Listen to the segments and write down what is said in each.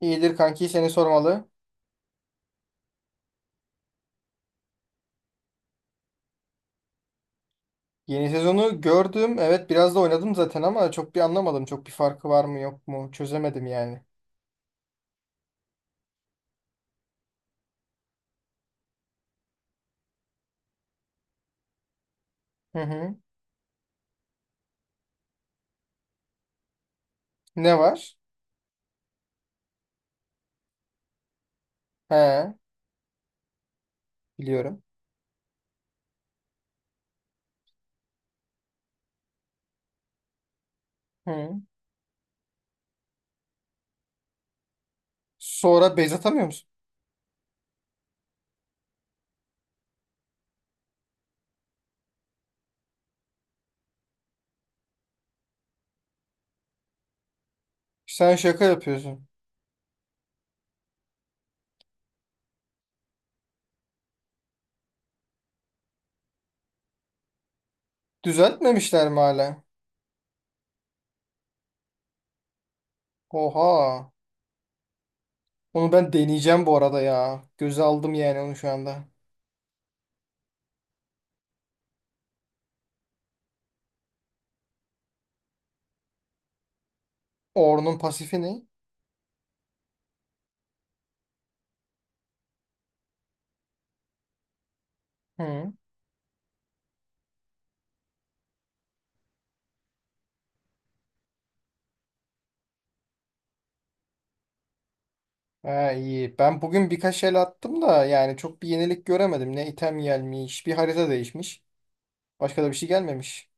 İyidir kanki seni sormalı. Yeni sezonu gördüm. Evet biraz da oynadım zaten ama çok bir anlamadım. Çok bir farkı var mı yok mu? Çözemedim yani. Hı hı. Ne var? He, biliyorum. Hı. Sonra bez atamıyor musun? Sen şaka yapıyorsun. Düzeltmemişler mi hala? Oha. Onu ben deneyeceğim bu arada ya. Göze aldım yani onu şu anda. Ornn'un pasifi ne? Hı. Ha, iyi. Ben bugün birkaç el attım da yani çok bir yenilik göremedim. Ne item gelmiş, bir harita değişmiş. Başka da bir şey gelmemiş.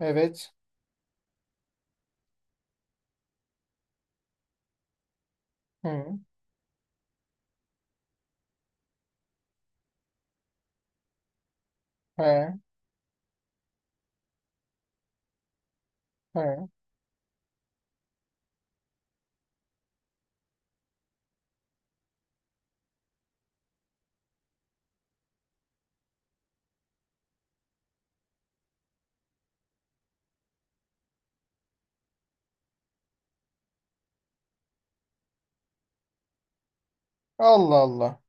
Evet. Hı. He. He. Allah Allah.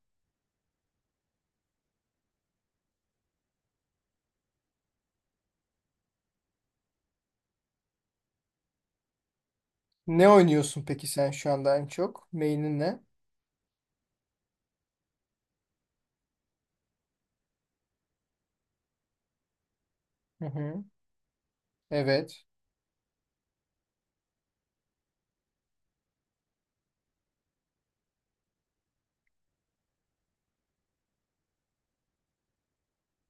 Ne oynuyorsun peki sen şu anda en çok? Main'in ne? Hı hı. Evet.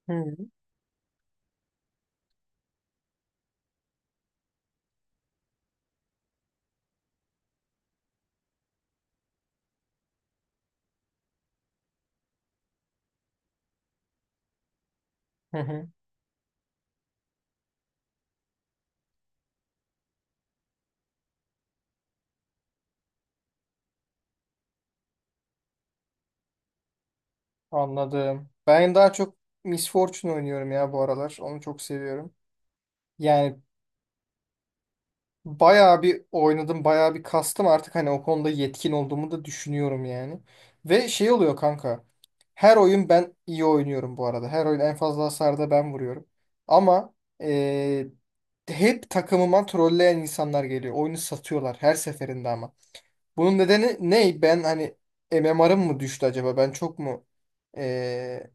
Hı hı. Hı. Anladım. Ben daha çok Miss Fortune oynuyorum ya bu aralar. Onu çok seviyorum. Yani bayağı bir oynadım, bayağı bir kastım artık hani o konuda yetkin olduğumu da düşünüyorum yani. Ve şey oluyor kanka. Her oyun ben iyi oynuyorum bu arada. Her oyun en fazla hasarda ben vuruyorum. Ama eee, hep takımıma trolleyen insanlar geliyor. Oyunu satıyorlar her seferinde ama. Bunun nedeni ne? Ben hani MMR'ım mı düştü acaba? Ben çok mu eee,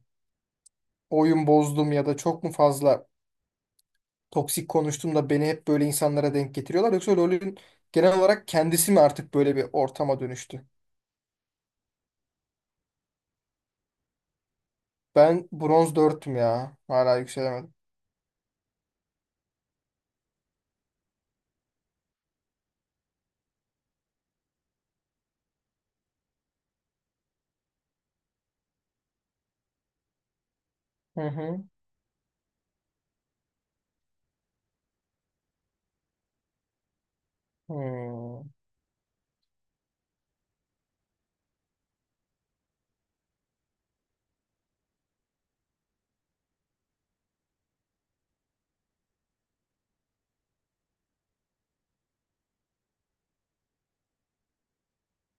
oyun bozdum ya da çok mu fazla toksik konuştum da beni hep böyle insanlara denk getiriyorlar. Yoksa LoL'ün genel olarak kendisi mi artık böyle bir ortama dönüştü? Ben bronz 4'tüm ya. Hala yükselemedim. Hı hı. Hmm.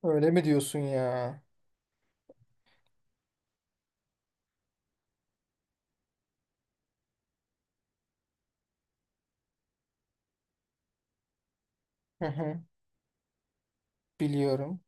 Öyle mi diyorsun ya? Hı hı. Biliyorum.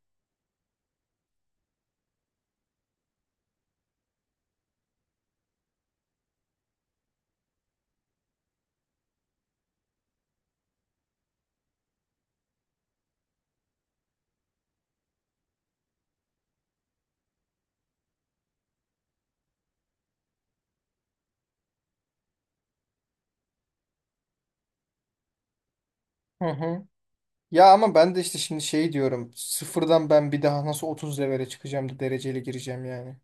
Hı hı. Ya ama ben de işte şimdi şey diyorum. Sıfırdan ben bir daha nasıl 30 levele çıkacağım da dereceli gireceğim yani.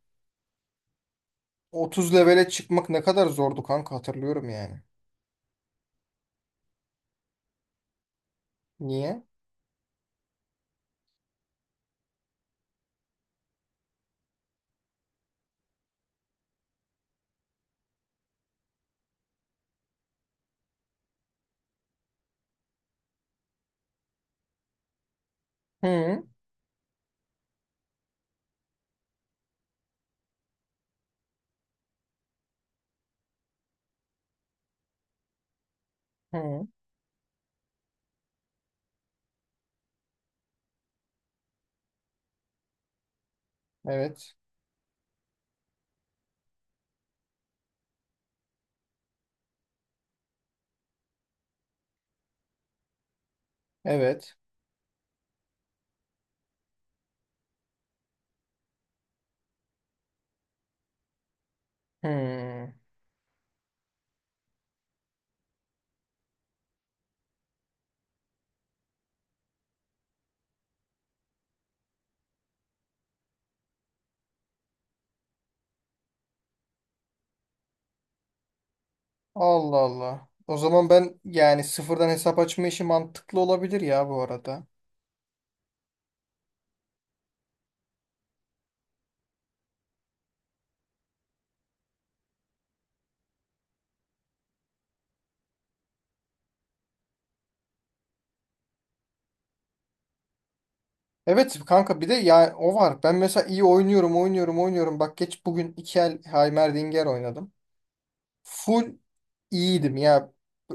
30 levele çıkmak ne kadar zordu kanka hatırlıyorum yani. Niye? Hı hı. Evet. Evet. Hı. Allah Allah. O zaman ben yani sıfırdan hesap açma işi mantıklı olabilir ya bu arada. Evet kanka bir de ya o var. Ben mesela iyi oynuyorum oynuyorum oynuyorum. Bak geç bugün iki el Heimerdinger oynadım. Full iyiydim ya.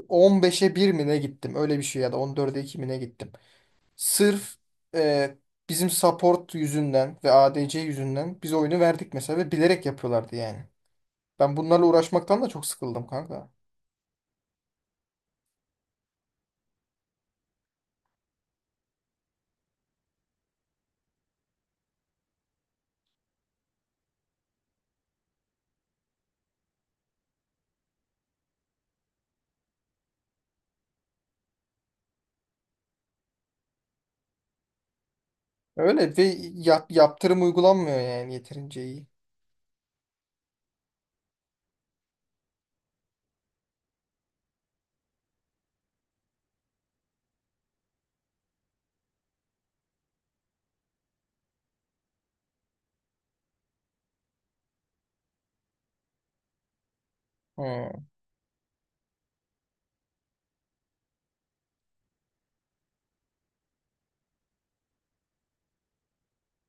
15'e bir mi ne gittim öyle bir şey ya da 14'e 2 mi ne gittim. Sırf e, bizim support yüzünden ve ADC yüzünden biz oyunu verdik mesela ve bilerek yapıyorlardı yani. Ben bunlarla uğraşmaktan da çok sıkıldım kanka. Öyle ve yaptırım uygulanmıyor yani yeterince iyi. Hı.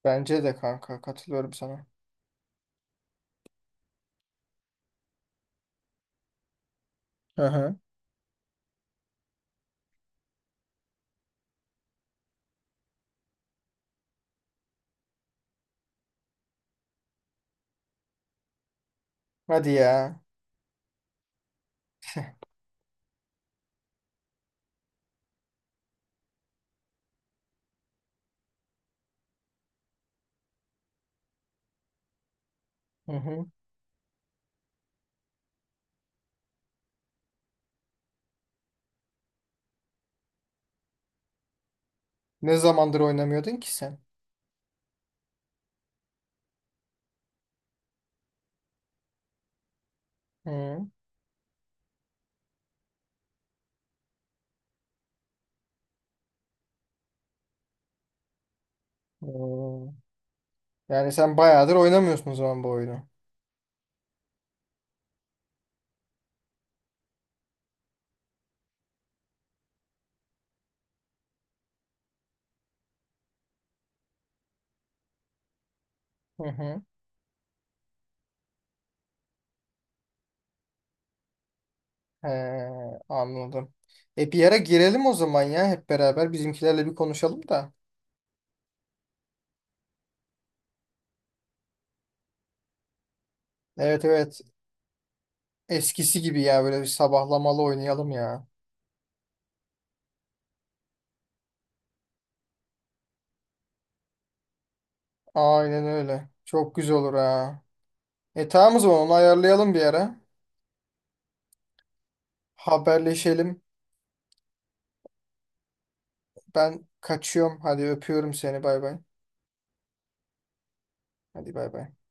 Bence de kanka katılıyorum sana. Hı hı. Hadi ya. Hı hı. Ne zamandır oynamıyordun ki sen? Hı. Oo. Yani sen bayağıdır oynamıyorsun o zaman bu oyunu. Hı hı. He, anladım. E bir ara girelim o zaman ya hep beraber bizimkilerle bir konuşalım da. Evet evet eskisi gibi ya böyle bir sabahlamalı oynayalım ya. Aynen öyle. Çok güzel olur ha. E tamam o zaman onu ayarlayalım bir ara. Haberleşelim. Ben kaçıyorum. Hadi öpüyorum seni. Bay bay. Hadi bay bay.